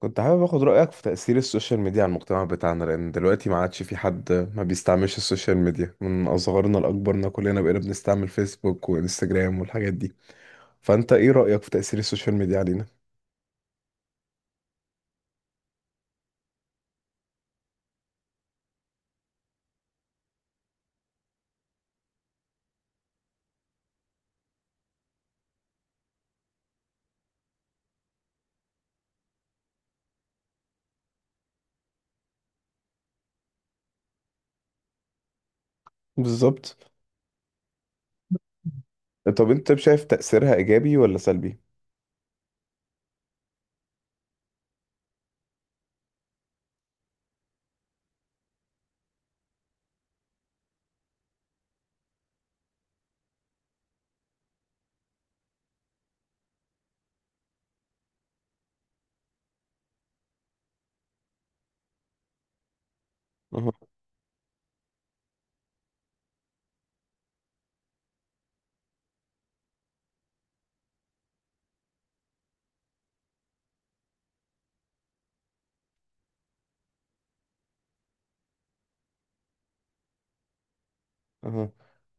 كنت حابب اخد رأيك في تأثير السوشيال ميديا على المجتمع بتاعنا، لأن دلوقتي ما عادش في حد ما بيستعملش السوشيال ميديا، من أصغرنا لأكبرنا كلنا بقينا بنستعمل فيسبوك وانستجرام والحاجات دي. فأنت إيه رأيك في تأثير السوشيال ميديا علينا؟ بالظبط. طب أنت شايف تأثيرها إيجابي ولا سلبي؟ أها. أها.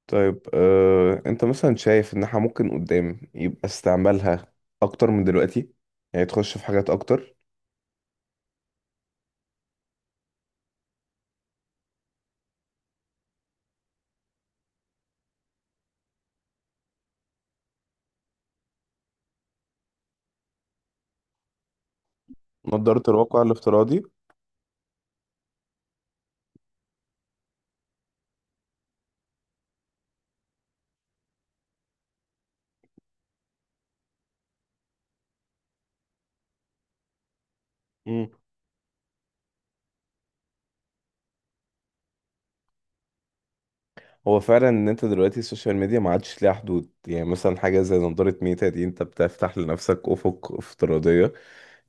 طيب، أنت مثلا شايف إن إحنا ممكن قدام يبقى استعمالها أكتر من دلوقتي، يعني تخش في حاجات أكتر. نظارة الواقع الافتراضي. هو فعلا ان انت دلوقتي السوشيال ميديا ما عادش ليها حدود، يعني مثلا حاجه زي نضاره ميتا دي انت بتفتح لنفسك افق افتراضيه.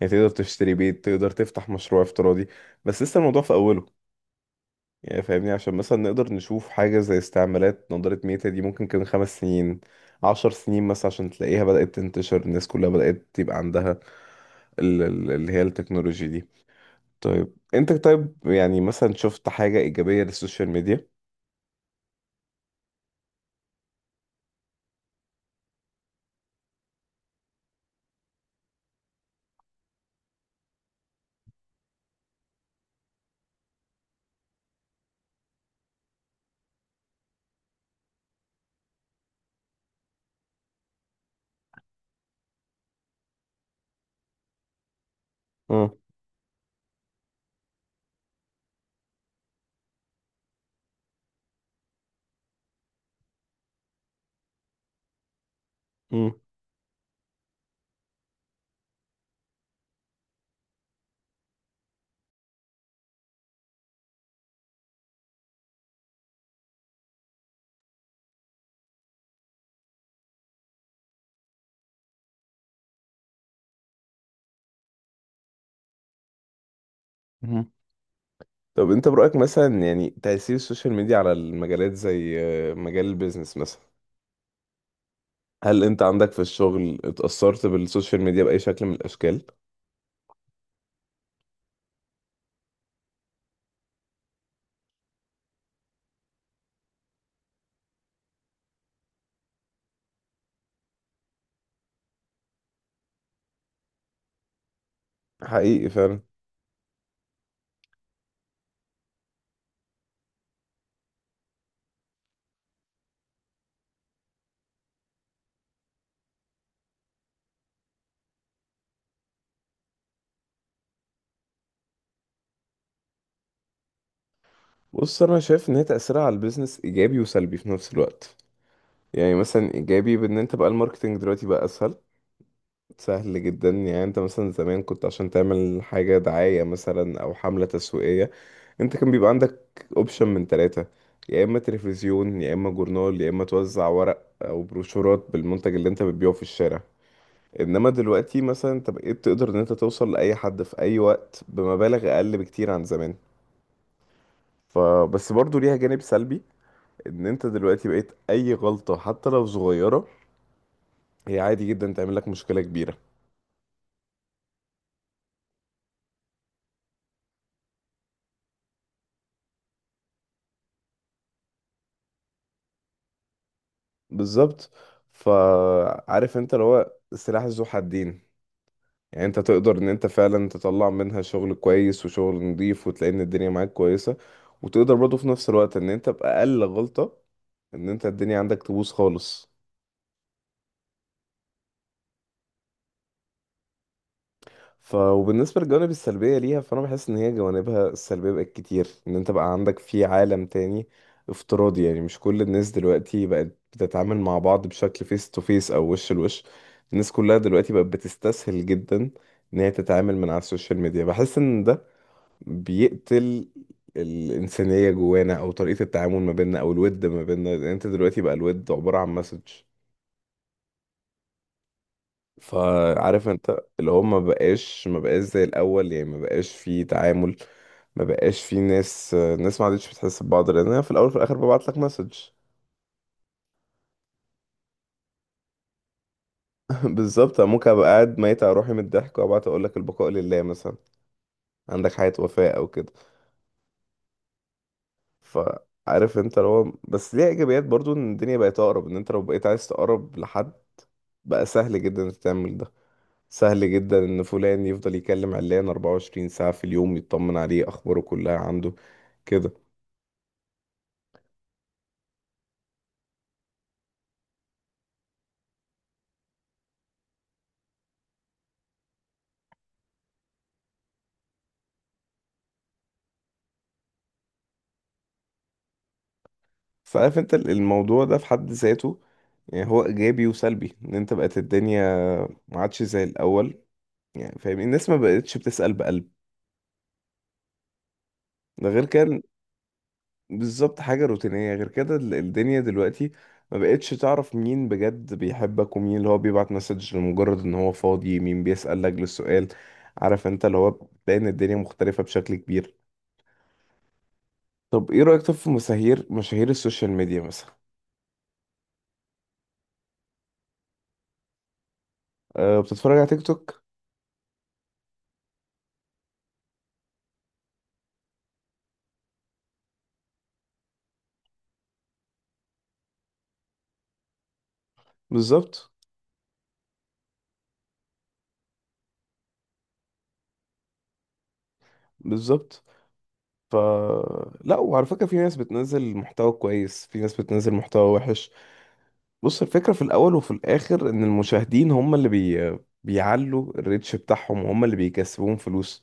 يعني تقدر تشتري بيت، تقدر تفتح مشروع افتراضي. بس لسه الموضوع في اوله. يعني فاهمني، عشان مثلا نقدر نشوف حاجه زي استعمالات نضاره ميتا دي ممكن كمان 5 سنين، 10 سنين مثلا، عشان تلاقيها بدأت تنتشر، الناس كلها بدأت يبقى عندها اللي هي التكنولوجي دي. طيب انت، طيب، يعني مثلا شفت حاجة إيجابية للسوشيال ميديا؟ مم. مم. طب انت برأيك مثلا، يعني تأثير السوشيال ميديا على المجالات زي مجال البيزنس مثلا، هل انت عندك في الشغل اتأثرت بالسوشيال ميديا بأي شكل من الأشكال؟ حقيقي فعلا. بص، انا شايف ان هي تأثيرها على البيزنس ايجابي وسلبي في نفس الوقت. يعني مثلا ايجابي بان انت بقى الماركتنج دلوقتي بقى اسهل، سهل جدا. يعني انت مثلا زمان، كنت عشان تعمل حاجة دعاية مثلا او حملة تسويقية، انت كان بيبقى عندك اوبشن من ثلاثة: يا اما تلفزيون، يا اما جورنال، يا اما توزع ورق او بروشورات بالمنتج اللي انت بتبيعه في الشارع. انما دلوقتي مثلا انت بقيت تقدر ان انت توصل لاي حد في اي وقت بمبالغ اقل بكتير عن زمان. فبس برضو ليها جانب سلبي، ان انت دلوقتي بقيت اي غلطة حتى لو صغيرة هي عادي جدا تعمل لك مشكلة كبيرة. بالظبط. فعارف انت اللي هو سلاح ذو حدين، يعني انت تقدر ان انت فعلا تطلع منها شغل كويس وشغل نظيف وتلاقي ان الدنيا معاك كويسة، وتقدر برضه في نفس الوقت ان انت بأقل غلطة ان انت الدنيا عندك تبوظ خالص. وبالنسبة للجوانب السلبية ليها، فأنا بحس إن هي جوانبها السلبية بقت كتير، إن أنت بقى عندك في عالم تاني افتراضي. يعني مش كل الناس دلوقتي بقت بتتعامل مع بعض بشكل فيس تو فيس أو وش لوش، الناس كلها دلوقتي بقت بتستسهل جدا إن هي تتعامل من على السوشيال ميديا. بحس إن ده بيقتل الإنسانية جوانا، أو طريقة التعامل ما بيننا، أو الود ما بيننا، لأن أنت دلوقتي بقى الود عبارة عن مسج. فعارف انت اللي هو ما بقاش زي الاول، يعني ما بقاش في تعامل، ما بقاش في ناس، الناس ما عادتش بتحس ببعض، لان انا في الاول وفي الاخر ببعت لك مسج. بالظبط. أنا ممكن ابقى قاعد ميت على روحي من الضحك وابعت اقول لك البقاء لله مثلا، عندك حياة وفاء او كده. فعارف انت اللي هو بس ليها ايجابيات برضو، ان الدنيا بقت اقرب، ان انت لو بقيت عايز تقرب لحد بقى سهل جدا انك تعمل ده. سهل جدا ان فلان يفضل يكلم علان 24 ساعة في اليوم، يطمن عليه، اخباره كلها عنده كده. فعارف انت الموضوع ده في حد ذاته، يعني هو ايجابي وسلبي، ان انت بقت الدنيا ما عادش زي الاول. يعني فاهم، الناس ما بقتش بتسأل بقلب، ده غير كان. بالظبط، حاجة روتينية. غير كده الدنيا دلوقتي ما بقتش تعرف مين بجد بيحبك ومين اللي هو بيبعت مسج لمجرد ان هو فاضي، مين بيسأل لجل السؤال. عارف انت اللي هو بتلاقي ان الدنيا مختلفة بشكل كبير. طب ايه رأيك، طب في مشاهير السوشيال ميديا مثلا؟ أه، بتتفرج على تيك توك؟ بالظبط. بالظبط. ف لا، وعلى فكرة، في ناس بتنزل محتوى كويس، في ناس بتنزل محتوى وحش. بص، الفكرة في الأول وفي الآخر إن المشاهدين هم اللي بيعلوا الريتش بتاعهم، وهم اللي بيكسبوهم فلوس.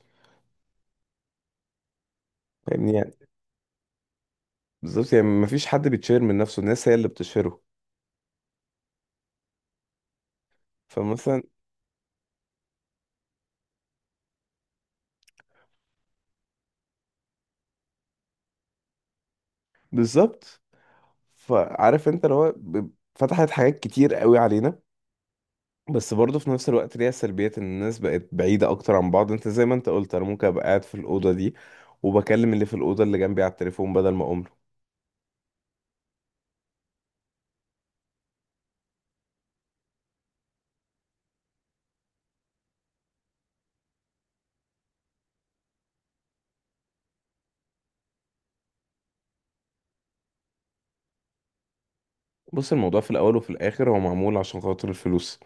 فاهمني يعني. بالظبط، يعني مفيش حد بيتشهر من نفسه، الناس هي اللي بتشهره. فمثلا، بالظبط. فعارف انت اللي هو فتحت حاجات كتير قوي علينا، بس برضه في نفس الوقت ليها سلبيات، ان الناس بقت بعيدة اكتر عن بعض. انت زي ما انت قلت، انا ممكن ابقى قاعد في الأوضة دي وبكلم اللي في الأوضة اللي جنبي على التليفون بدل ما أقوم. بص، الموضوع في الاول وفي الاخر هو معمول عشان خاطر الفلوس.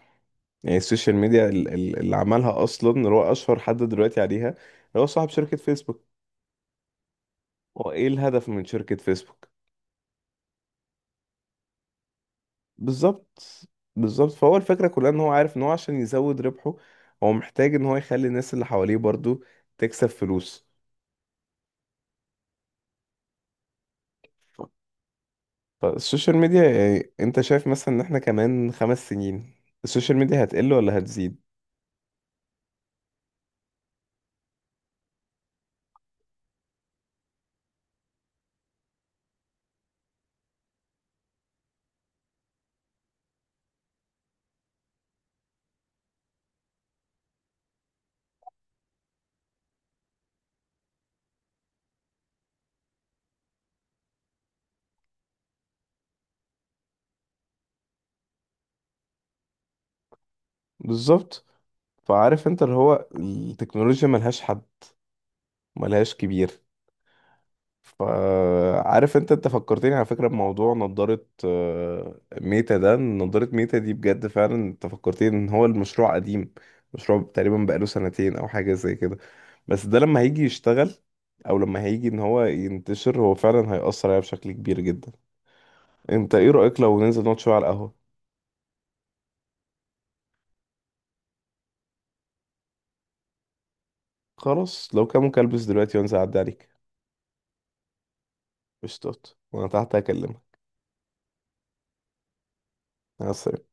يعني السوشيال ميديا اللي عملها اصلا، اللي هو اشهر حد دلوقتي عليها، اللي هو صاحب شركة فيسبوك، هو ايه الهدف من شركة فيسبوك؟ بالظبط. بالظبط. فهو الفكرة كلها ان هو عارف ان هو عشان يزود ربحه، هو محتاج ان هو يخلي الناس اللي حواليه برضو تكسب فلوس. فالسوشيال ميديا، يعني انت شايف مثلا ان احنا كمان 5 سنين السوشيال ميديا هتقل ولا هتزيد؟ بالظبط. فعارف انت اللي هو التكنولوجيا ملهاش حد، ملهاش كبير. فعارف انت، انت فكرتني على فكرة بموضوع نضارة ميتا ده. نضارة ميتا دي بجد فعلا انت فكرتني ان هو المشروع قديم، مشروع تقريبا بقاله سنتين او حاجة زي كده، بس ده لما هيجي يشتغل، او لما هيجي ان هو ينتشر، هو فعلا هيأثر عليها بشكل كبير جدا. انت ايه رأيك لو ننزل نقعد شوية على القهوة؟ خلاص، لو كان ممكن البس دلوقتي وانزل اعدي عليك. قشطات، وانا تحت هكلمك. مع السلامة.